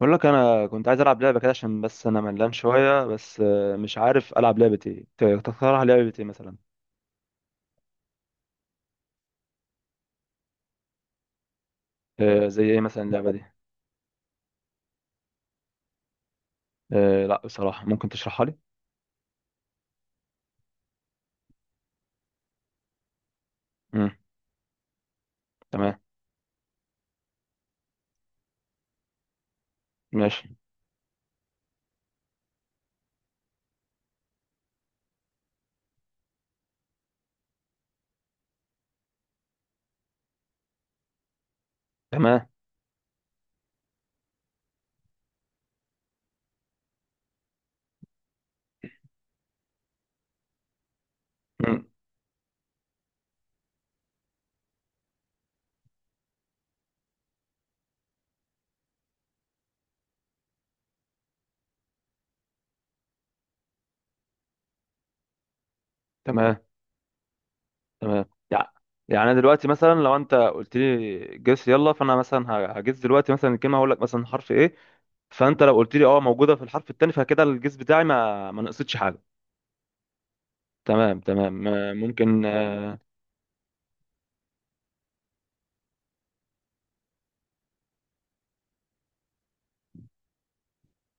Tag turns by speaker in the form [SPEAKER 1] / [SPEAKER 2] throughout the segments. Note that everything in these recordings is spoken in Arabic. [SPEAKER 1] بقول لك انا كنت عايز العب لعبه كده عشان بس انا ملان شويه بس، مش عارف العب لعبه ايه. تقترح لعبه ايه مثلا؟ زي ايه مثلا اللعبه دي؟ آه، لا، بصراحه ممكن تشرحها لي؟ امم. تمام. ماشي. تمام. امم. تمام. تمام. يع- يعني انا دلوقتي مثلا لو انت قلت لي جس يلا، فانا مثلا هجس دلوقتي مثلا الكلمه، هقول لك مثلا حرف ايه. فانت لو قلت لي اه، موجوده في الحرف التاني، فكده الجس بتاعي ما نقصتش حاجه. تمام، تمام. ممكن.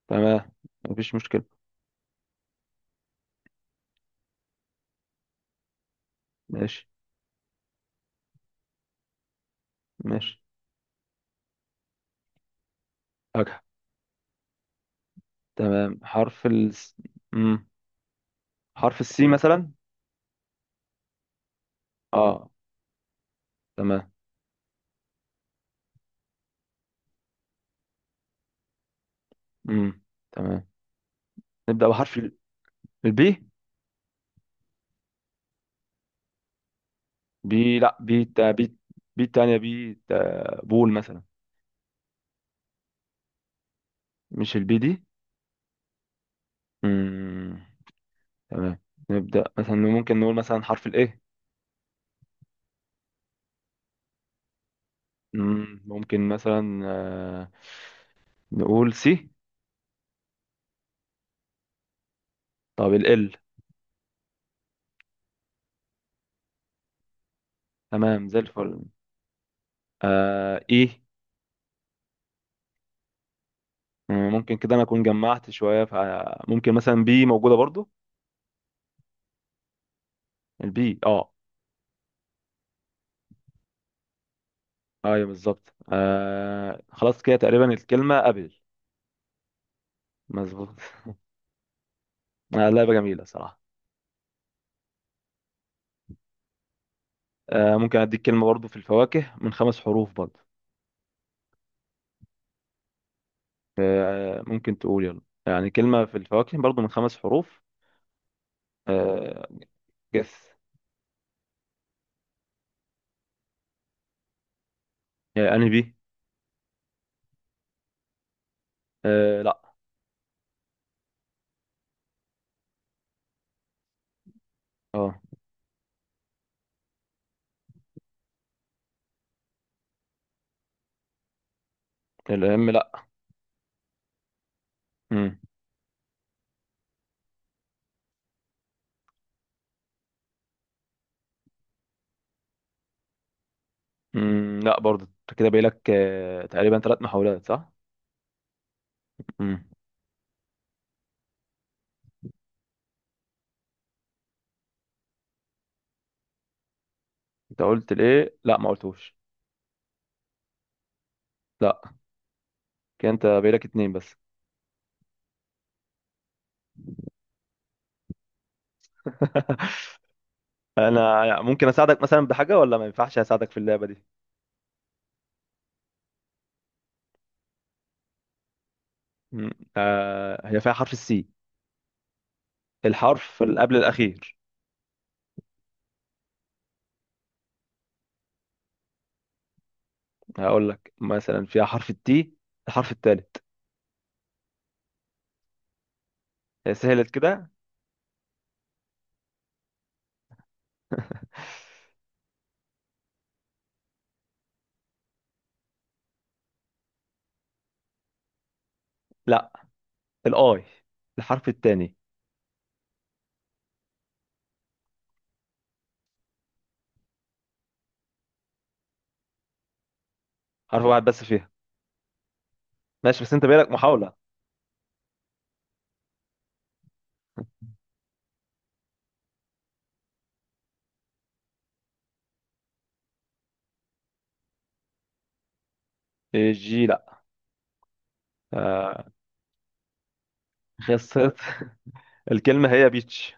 [SPEAKER 1] تمام، مفيش مشكله. ماشي. ماشي. تمام، حرف ال. مم. حرف السي مثلا. اه، تمام. مم. تمام. نبدأ بحرف البي. بي، لا بي تا بي. بي التانية، بي تا بول مثلا. مش البي دي؟ مم. تمام. نبدأ مثلا، ممكن نقول مثلا حرف الايه. ممكن مثلا نقول سي. طب ال. تمام، زي الفل. اي. ممكن كده انا اكون جمعت شوية، فممكن مثلا بي موجودة برضو. البي، اه. ايوه بالظبط، خلاص كده تقريبا الكلمة قبل. مظبوط. آه، لعبة جميلة صراحة. آه، ممكن اديك كلمة برضو في الفواكه من 5 حروف برضو. آه، ممكن تقول يلا، يعني كلمة في الفواكه برضو من 5 حروف. آه، جس. يعني انهي؟ آه، لا. اه. الام، لا. مم. مم. لا برضو، انت كده باقي لك تقريبا 3 محاولات، صح؟ مم. انت قلت الايه؟ لا، ما قلتوش. لا، كده انت باقي لك اتنين بس. انا ممكن اساعدك مثلا بحاجه، ولا ما ينفعش اساعدك في اللعبه دي؟ مم. آه، هي فيها حرف السي، الحرف اللي قبل الاخير. هقول لك مثلا فيها حرف التي، الحرف الثالث. سهلت كده. لا، الاي، الحرف الثاني. حرف واحد بس فيها. ماشي، بس انت بالك محاوله. الجي، لا. آه، خسرت. الكلمه هي بيتش.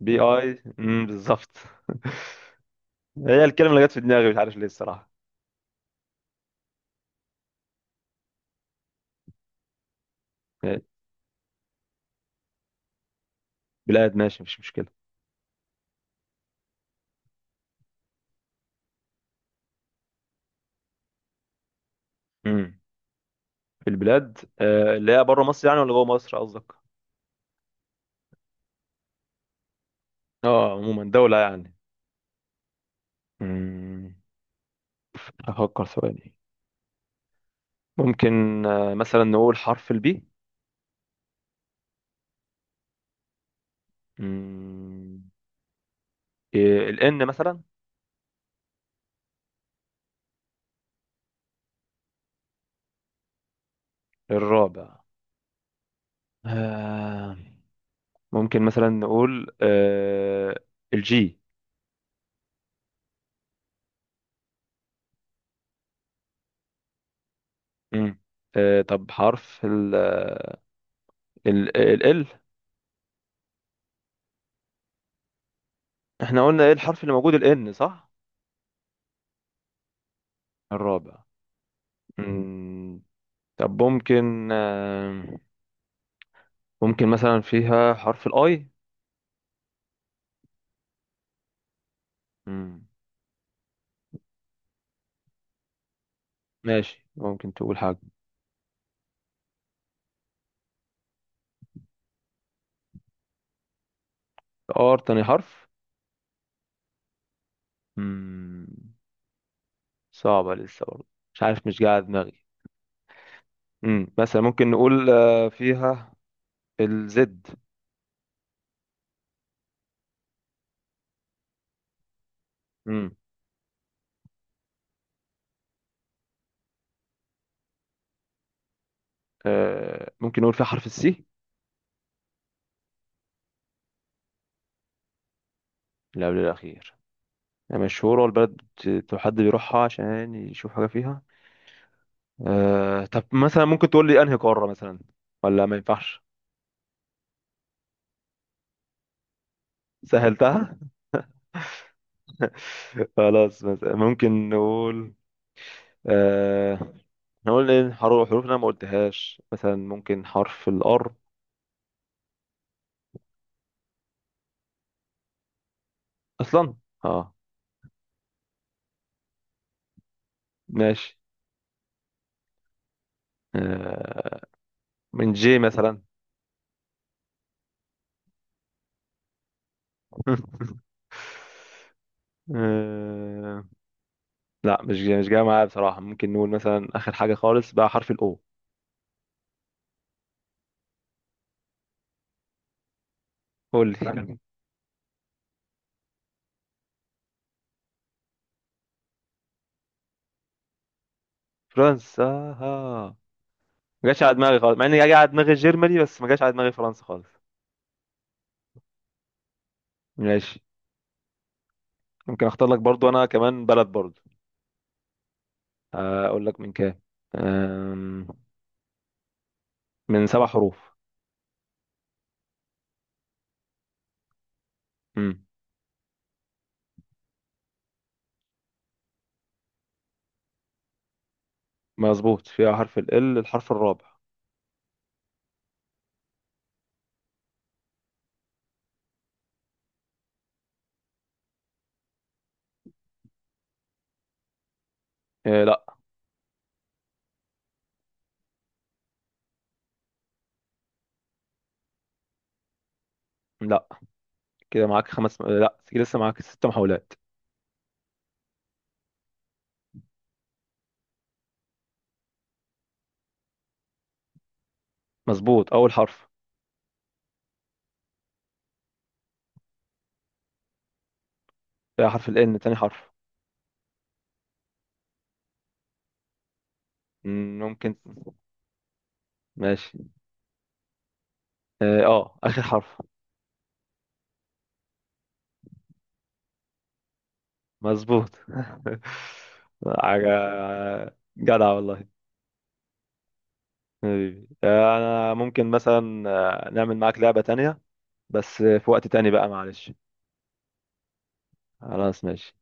[SPEAKER 1] بي، اي، بالظبط. هي الكلمه اللي جت في دماغي، مش عارف ليه الصراحه. إيه؟ بلاد، ماشي، مفيش مشكله. مم. في البلاد اللي هي بره مصر، يعني، ولا جوه مصر قصدك؟ اه، عموما دولة يعني. مم. أفكر ثواني. ممكن مثلا نقول حرف البي. الإن مثلا. الرابع. آه، ممكن مثلا نقول الجي. مم. طب حرف ال. احنا قلنا ايه الحرف اللي موجود؟ الإن، صح. الرابع. مم. طب ممكن ممكن مثلا فيها حرف الاي. مم. ماشي، ممكن تقول حاجة. ار، تاني حرف. مم. صعبة لسه برضه. مش عارف، مش قاعد دماغي. مثلا ممكن نقول فيها الزد. مم. آه، ممكن نقول فيها حرف السي، اللي قبل الأخير. يعني مشهورة، والبلد حد بيروحها عشان يشوف حاجة فيها. آه، طب مثلا ممكن تقول لي أنهي قارة مثلا؟ ولا ما ينفعش؟ سهلتها. خلاص، مثلا ممكن نقول آه، احنا قلنا إن حروف انا ما قلتهاش، مثلا ممكن حرف الار. اصلا. اه. ماشي. آه، من جي مثلا. آه، لا، مش جاي مش جاي معايا بصراحة. ممكن نقول مثلا اخر حاجة خالص بقى حرف الاو. قول لي. فرنسا، آه. ما جاش على دماغي خالص، مع اني جاي على دماغي جيرماني، بس ما جاش على دماغي فرنسا خالص. ماشي. ممكن اختار لك برضو انا كمان بلد برضو. آه، اقول لك من كام، آم، من 7 حروف. مظبوط، فيها حرف ال، الحرف الرابع. آه، لا. لا، كده معاك خمس، آه لا، كده لسه معاك 6 محاولات. مظبوط، اول حرف. فيها حرف ال ان، تاني حرف. ممكن. ماشي. اه، آه، اخر حرف. مظبوط. حاجة. جدع والله. حبيبي. آه، انا ممكن مثلا نعمل معاك لعبة تانية، بس في وقت تاني بقى، معلش. خلاص، ماشي.